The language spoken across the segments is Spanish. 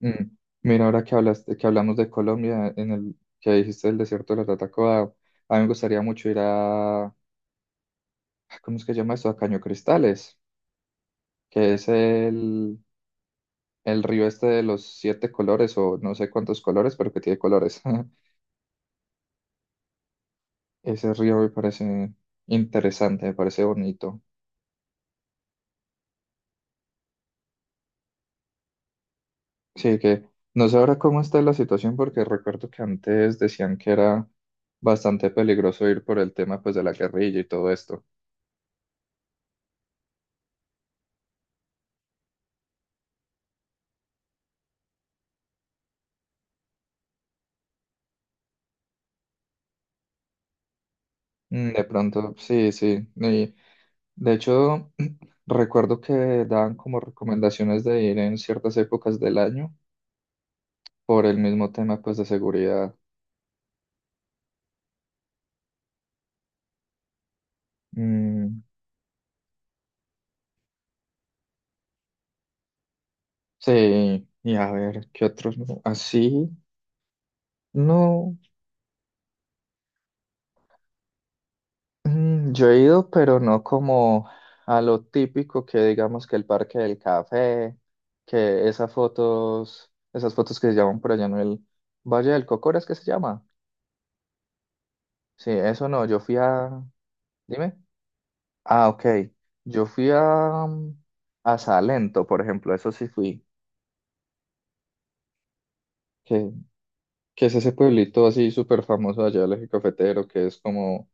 Mm. Mira, ahora que hablaste, que hablamos de Colombia, en el que dijiste el desierto de la Tatacoa, a mí me gustaría mucho ir a, ¿cómo es que se llama eso? A Caño Cristales, que es el río este de los siete colores, o no sé cuántos colores, pero que tiene colores. Ese río me parece interesante, me parece bonito. Sí, que no sé ahora cómo está la situación, porque recuerdo que antes decían que era bastante peligroso ir por el tema pues de la guerrilla y todo esto. Mm, de pronto, sí, sí. De hecho, recuerdo que daban como recomendaciones de ir en ciertas épocas del año por el mismo tema pues de seguridad. Mm, sí, y a ver, ¿qué otros? ¿No? Así, no, mm, yo he ido, pero no como a lo típico que digamos que el Parque del Café, que esas fotos que se llaman por allá en el Valle del Cocora, ¿es que se llama? Sí, eso no, yo fui a... Dime. Ah, ok. Yo fui a, mm, a Salento, por ejemplo, eso sí fui, que, que es ese pueblito así súper famoso allá del Eje Cafetero, que es como,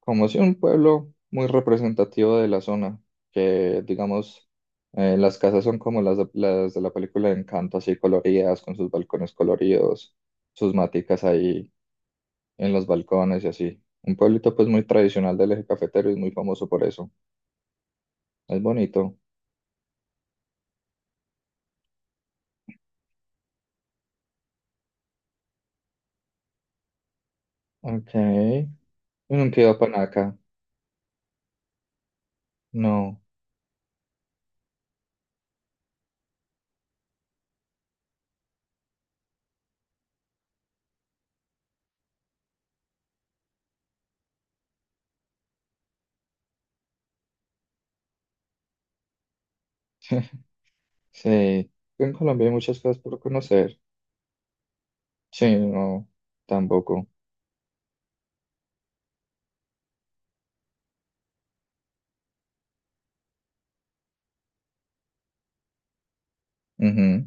como si un pueblo muy representativo de la zona, que digamos, las casas son como las, las de la película de Encanto, así coloridas, con sus balcones coloridos, sus maticas ahí en los balcones y así. Un pueblito pues muy tradicional del Eje Cafetero y muy famoso por eso. Es bonito. Ok. Yo nunca he ido a Panaca. No, sí. En Colombia hay muchas cosas por conocer. Sí, no, tampoco. Ujú,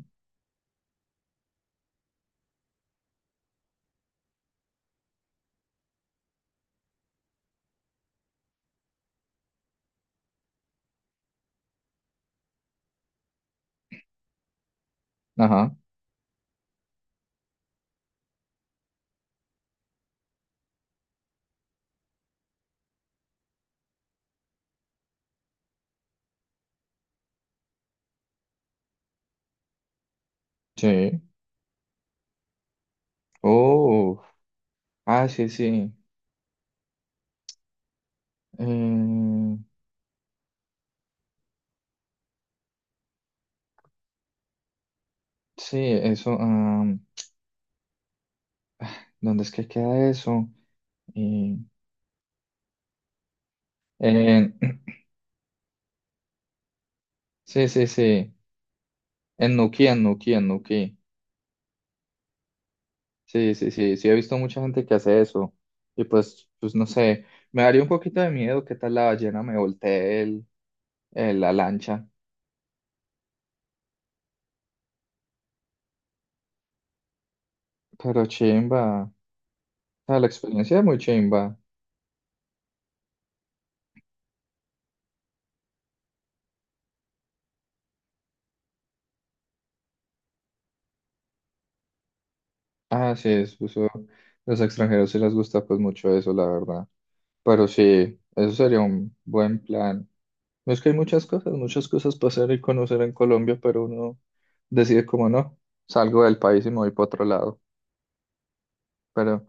ajá, sí. Oh, ah, sí, sí. Eh, sí, eso. Am, ¿dónde es que queda eso? Eh, en- sí, sí, sí. En Nuquí, en Nuquí, en Nuquí. Sí, sí, sí. Sí, he visto mucha gente que hace eso. Y pues, pues no sé. Me daría un poquito de miedo que tal la ballena me voltee el, la lancha. Pero chimba. Ah, la experiencia es muy chimba. Ah, sí, es, los extranjeros sí les gusta pues mucho eso, la verdad. Pero sí, eso sería un buen plan. No, es que hay muchas cosas para hacer y conocer en Colombia, pero uno decide como no, salgo del país y me voy para otro lado. Pero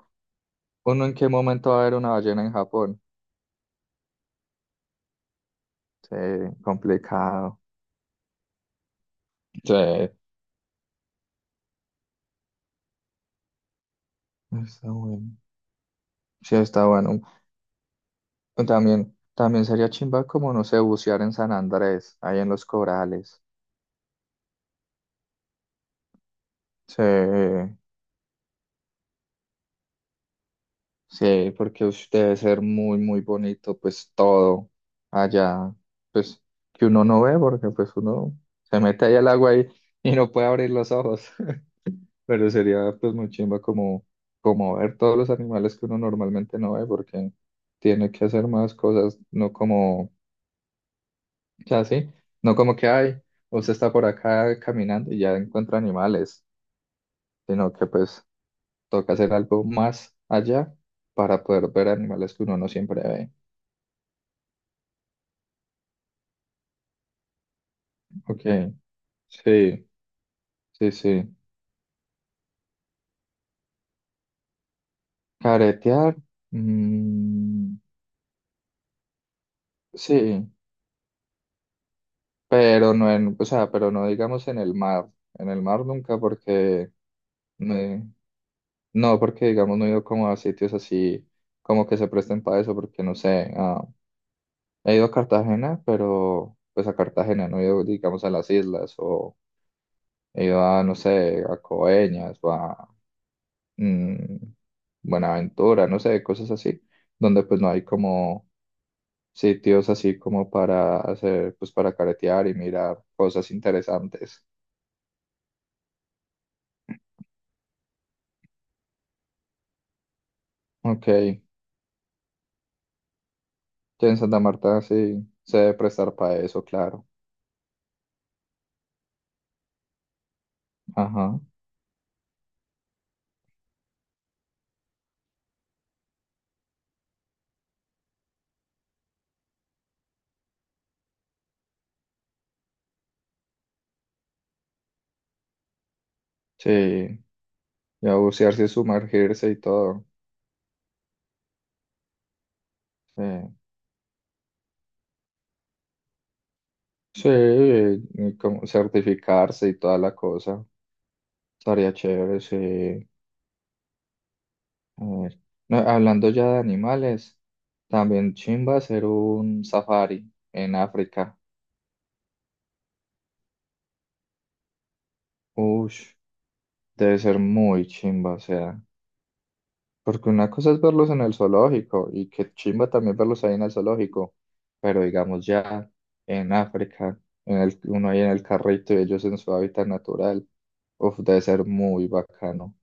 uno en qué momento va a ver una ballena en Japón. Sí, complicado. Sí, está bueno. Sí, está bueno. También, también sería chimba como, no sé, bucear en San Andrés, ahí en los corales. Sí, sí, porque ush, debe ser muy, muy bonito, pues todo allá, pues que uno no ve, porque pues uno se mete ahí al agua y no puede abrir los ojos, pero sería pues muy chimba como, como ver todos los animales que uno normalmente no ve, porque tiene que hacer más cosas, no como, o sea, sí, no como que, ay, usted está por acá caminando y ya encuentra animales, sino que pues toca hacer algo más allá para poder ver animales que uno no siempre ve. Ok, sí, sí, sí. Caretear, mm, sí, pero no en, o sea, pero no digamos en el mar. En el mar nunca porque, me- no, porque digamos no he ido como a sitios así como que se presten para eso, porque no sé, ah, he ido a Cartagena, pero pues a Cartagena, no he ido, digamos, a las islas o he ido a, no sé, a Coeñas o a... mm, Buenaventura, no sé, cosas así, donde pues no hay como sitios así como para hacer, pues para caretear y mirar cosas interesantes. Ok, ya en Santa Marta sí se debe prestar para eso, claro. Ajá, sí, ya bucearse y sumergirse y todo. Sí, sí, y como certificarse y toda la cosa. Estaría chévere, sí. A ver, no, hablando ya de animales, también chimba hacer un safari en África. Ush, debe ser muy chimba, o sea, porque una cosa es verlos en el zoológico y que chimba también verlos ahí en el zoológico, pero digamos ya en África, en el, uno ahí en el carrito y ellos en su hábitat natural, uf, debe ser muy bacano.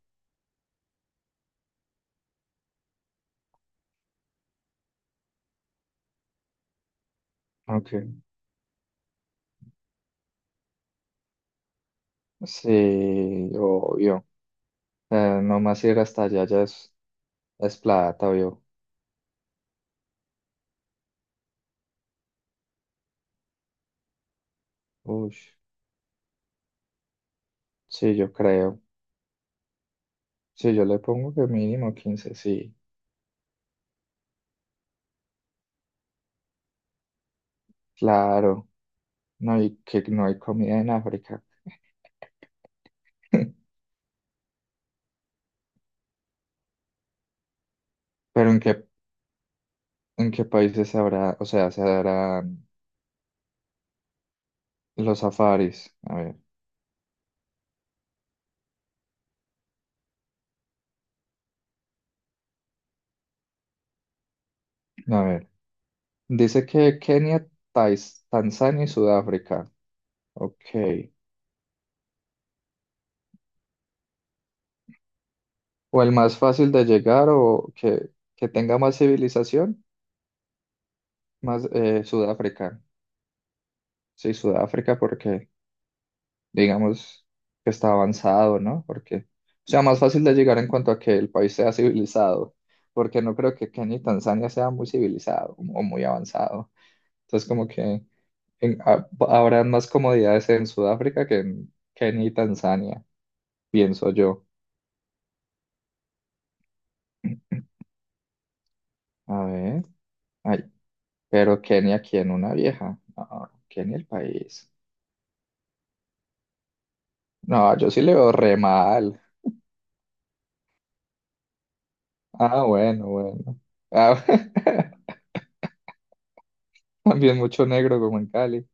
Okay. Sí, obvio, nomás ir hasta allá ya es plata, obvio. Ush, sí, yo creo, sí, yo le pongo que mínimo 15, sí, claro, no, y que no hay comida en África. Pero en qué países habrá, o sea, se harán los safaris? A ver, a ver. Dice que Kenia, Tanzania y Sudáfrica. Ok. ¿O el más fácil de llegar o que tenga más civilización, más Sudáfrica? Sí, Sudáfrica porque digamos que está avanzado, ¿no? Porque, o sea, más fácil de llegar en cuanto a que el país sea civilizado, porque no creo que Kenia y Tanzania sea muy civilizado o muy avanzado. Entonces, como que... habrán más comodidades en Sudáfrica que en Kenia y Tanzania, pienso yo. A ver, ay, pero Kenia, ¿quién? Una vieja. No, Kenia el país. No, yo sí le veo re mal. Ah, bueno, bueno. Ah, también mucho negro como en Cali.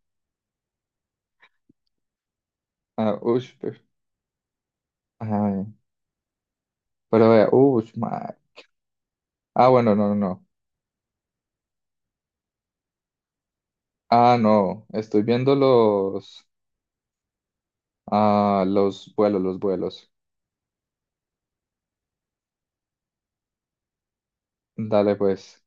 Ah, ush, ay, pero vea, Ah, bueno, no, no, no. Ah, no, estoy viendo los, ah, los vuelos, los vuelos. Dale, pues.